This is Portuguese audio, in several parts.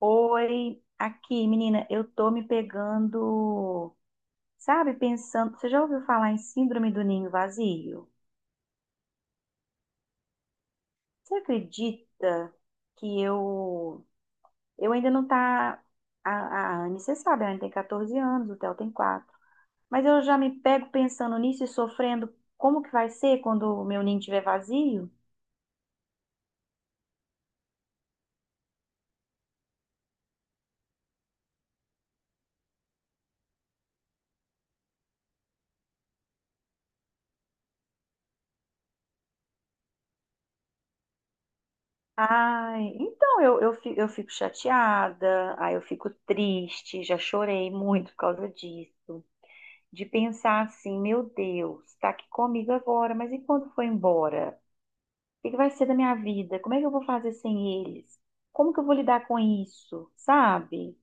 Oi, aqui, menina, eu tô me pegando, sabe, pensando. Você já ouviu falar em síndrome do ninho vazio? Você acredita que eu ainda não tá a Anne, você sabe, a Anne tem 14 anos, o Theo tem 4. Mas eu já me pego pensando nisso e sofrendo como que vai ser quando o meu ninho estiver vazio? Ai, então eu fico chateada, aí eu fico triste, já chorei muito por causa disso. De pensar assim, meu Deus, está aqui comigo agora, mas e quando for embora? O que que vai ser da minha vida? Como é que eu vou fazer sem eles? Como que eu vou lidar com isso? Sabe?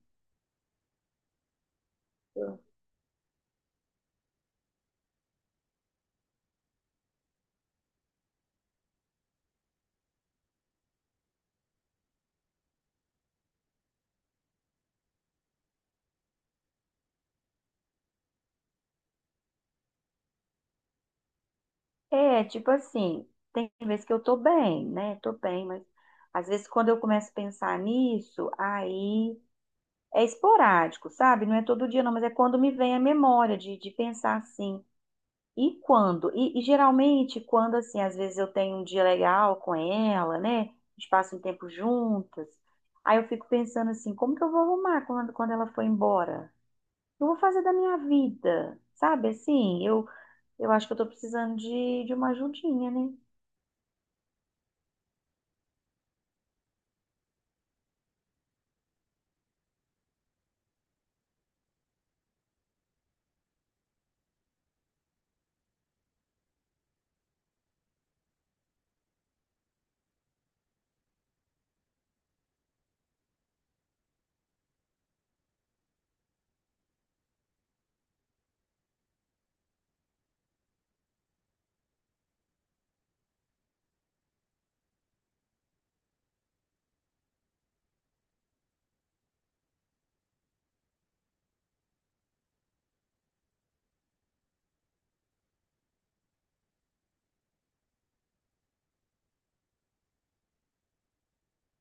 É, tipo assim, tem vezes que eu tô bem, né? Tô bem, mas às vezes quando eu começo a pensar nisso, aí é esporádico, sabe? Não é todo dia, não, mas é quando me vem a memória de pensar assim. E quando? E geralmente, quando assim, às vezes eu tenho um dia legal com ela, né? A gente passa um tempo juntas. Aí eu fico pensando assim, como que eu vou arrumar quando ela for embora? O que eu vou fazer da minha vida, sabe? Assim, eu acho que eu tô precisando de uma ajudinha, né?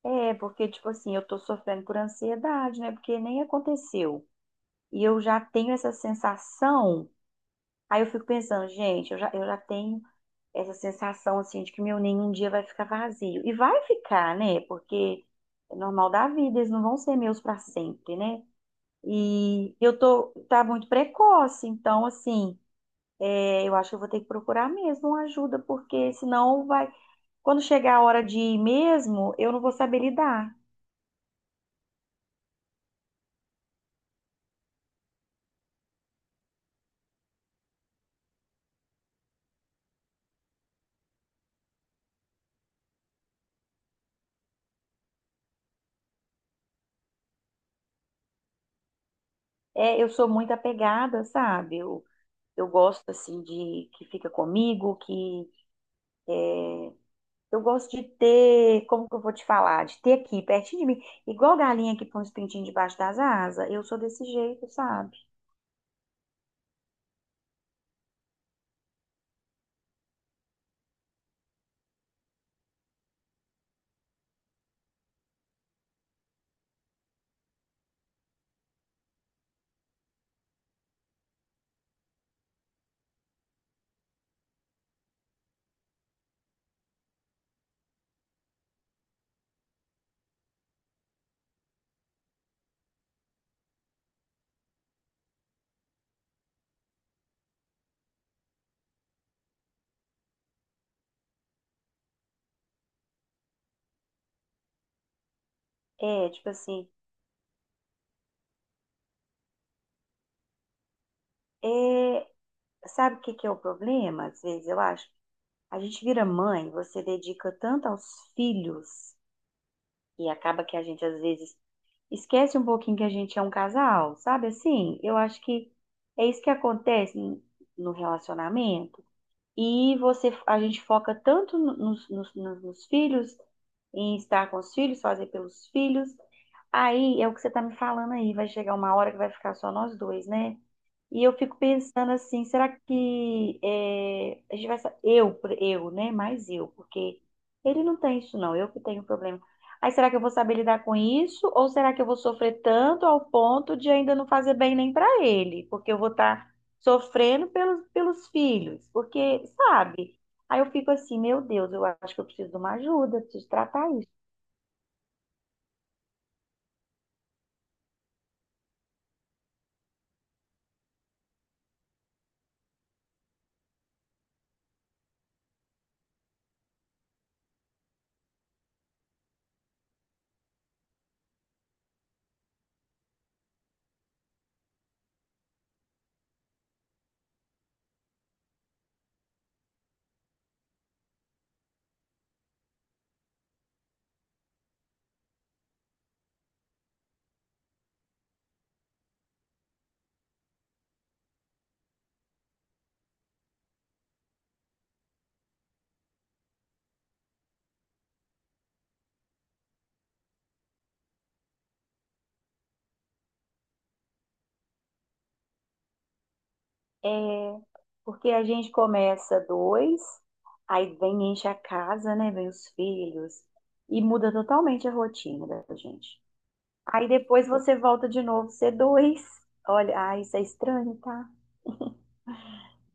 É, porque, tipo assim, eu tô sofrendo por ansiedade, né? Porque nem aconteceu. E eu já tenho essa sensação. Aí eu fico pensando, gente, eu já tenho essa sensação assim de que meu ninho um dia vai ficar vazio. E vai ficar, né? Porque é normal da vida, eles não vão ser meus para sempre, né? E eu tô muito precoce, então assim, é, eu acho que eu vou ter que procurar mesmo uma ajuda, porque senão vai, quando chegar a hora de ir mesmo, eu não vou saber lidar. É, eu sou muito apegada, sabe? Eu gosto assim de que fica comigo, que eu gosto de ter, como que eu vou te falar? De ter aqui, pertinho de mim. Igual galinha que põe os pintinhos debaixo das asas. Eu sou desse jeito, sabe? É, tipo assim, é, sabe o que que é o problema? Às vezes, eu acho. A gente vira mãe, você dedica tanto aos filhos e acaba que a gente, às vezes, esquece um pouquinho que a gente é um casal, sabe assim? Eu acho que é isso que acontece no relacionamento. E você, a gente foca tanto nos filhos, em estar com os filhos, fazer pelos filhos. Aí é o que você está me falando aí, vai chegar uma hora que vai ficar só nós dois, né? E eu fico pensando assim, será que é, a gente vai sa- eu, por- eu, né? Mais eu, porque ele não tem isso não, eu que tenho problema. Aí será que eu vou saber lidar com isso? Ou será que eu vou sofrer tanto ao ponto de ainda não fazer bem nem para ele? Porque eu vou estar sofrendo pelos filhos, porque, sabe? Aí eu fico assim, meu Deus, eu acho que eu preciso de uma ajuda, preciso tratar isso. É, porque a gente começa dois, aí vem, enche a casa, né? Vem os filhos, e muda totalmente a rotina da gente. Aí depois você volta de novo, ser dois. Olha, ah, isso é estranho, tá?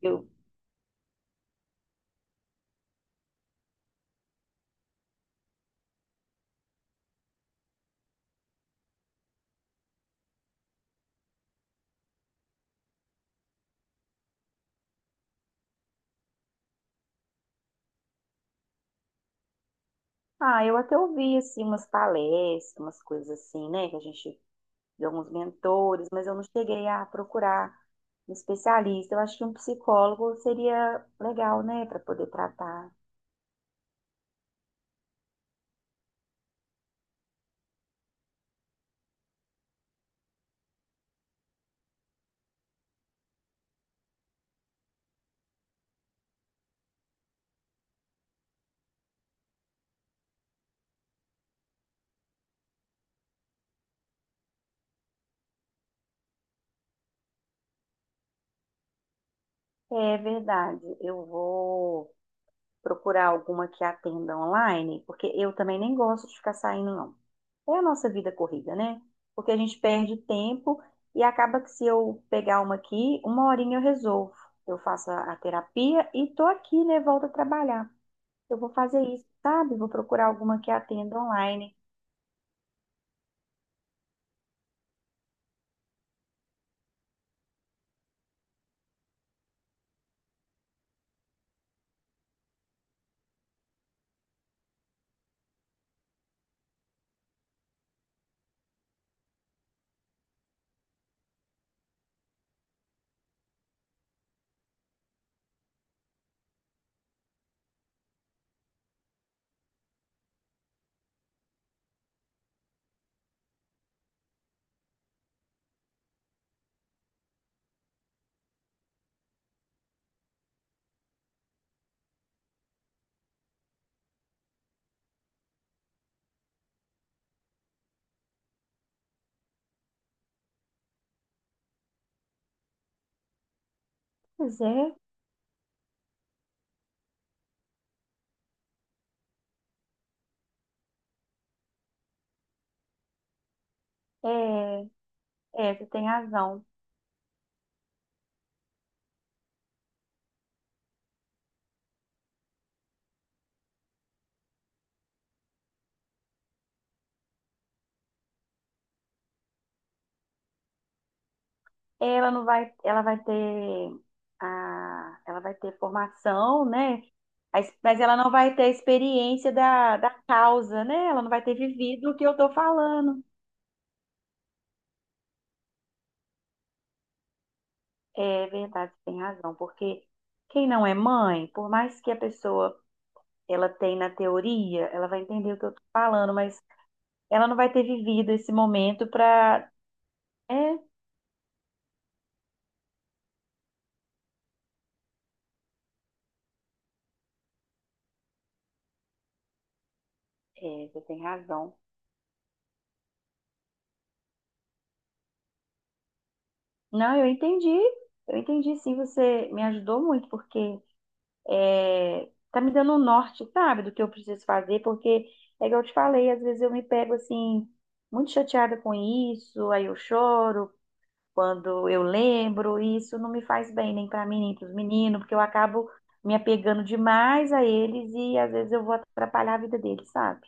Eu, ah, eu até ouvi, assim, umas palestras, umas coisas assim, né? Que a gente, de alguns mentores, mas eu não cheguei a procurar um especialista. Eu acho que um psicólogo seria legal, né, para poder tratar. É verdade. Eu vou procurar alguma que atenda online, porque eu também nem gosto de ficar saindo, não. É a nossa vida corrida, né? Porque a gente perde tempo e acaba que se eu pegar uma aqui, uma horinha eu resolvo. Eu faço a terapia e tô aqui, né? Volto a trabalhar. Eu vou fazer isso, sabe? Vou procurar alguma que atenda online. Pois é, é, você tem razão. Ela não vai, ela vai ter a, ela vai ter formação, né? A mas ela não vai ter a experiência da causa, né? Ela não vai ter vivido o que eu tô falando. É verdade, você tem razão, porque quem não é mãe, por mais que a pessoa ela tenha na teoria, ela vai entender o que eu tô falando, mas ela não vai ter vivido esse momento para. É, você tem razão. Não, eu entendi sim, você me ajudou muito, porque é, tá me dando um norte, sabe, do que eu preciso fazer, porque é que eu te falei, às vezes eu me pego assim, muito chateada com isso, aí eu choro quando eu lembro, e isso não me faz bem nem para mim, nem para os meninos, porque eu acabo me apegando demais a eles e às vezes eu vou atrapalhar a vida deles, sabe?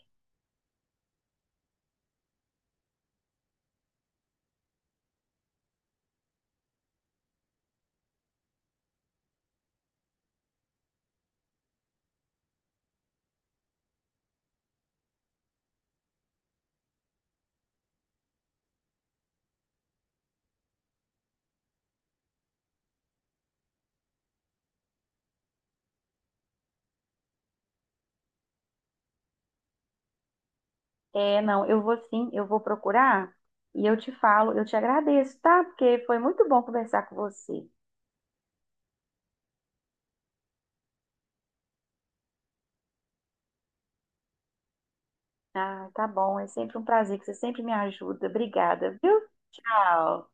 É, não, eu vou sim, eu vou procurar e eu te falo, eu te agradeço, tá? Porque foi muito bom conversar com você. Ah, tá bom, é sempre um prazer que você sempre me ajuda. Obrigada, viu? Tchau.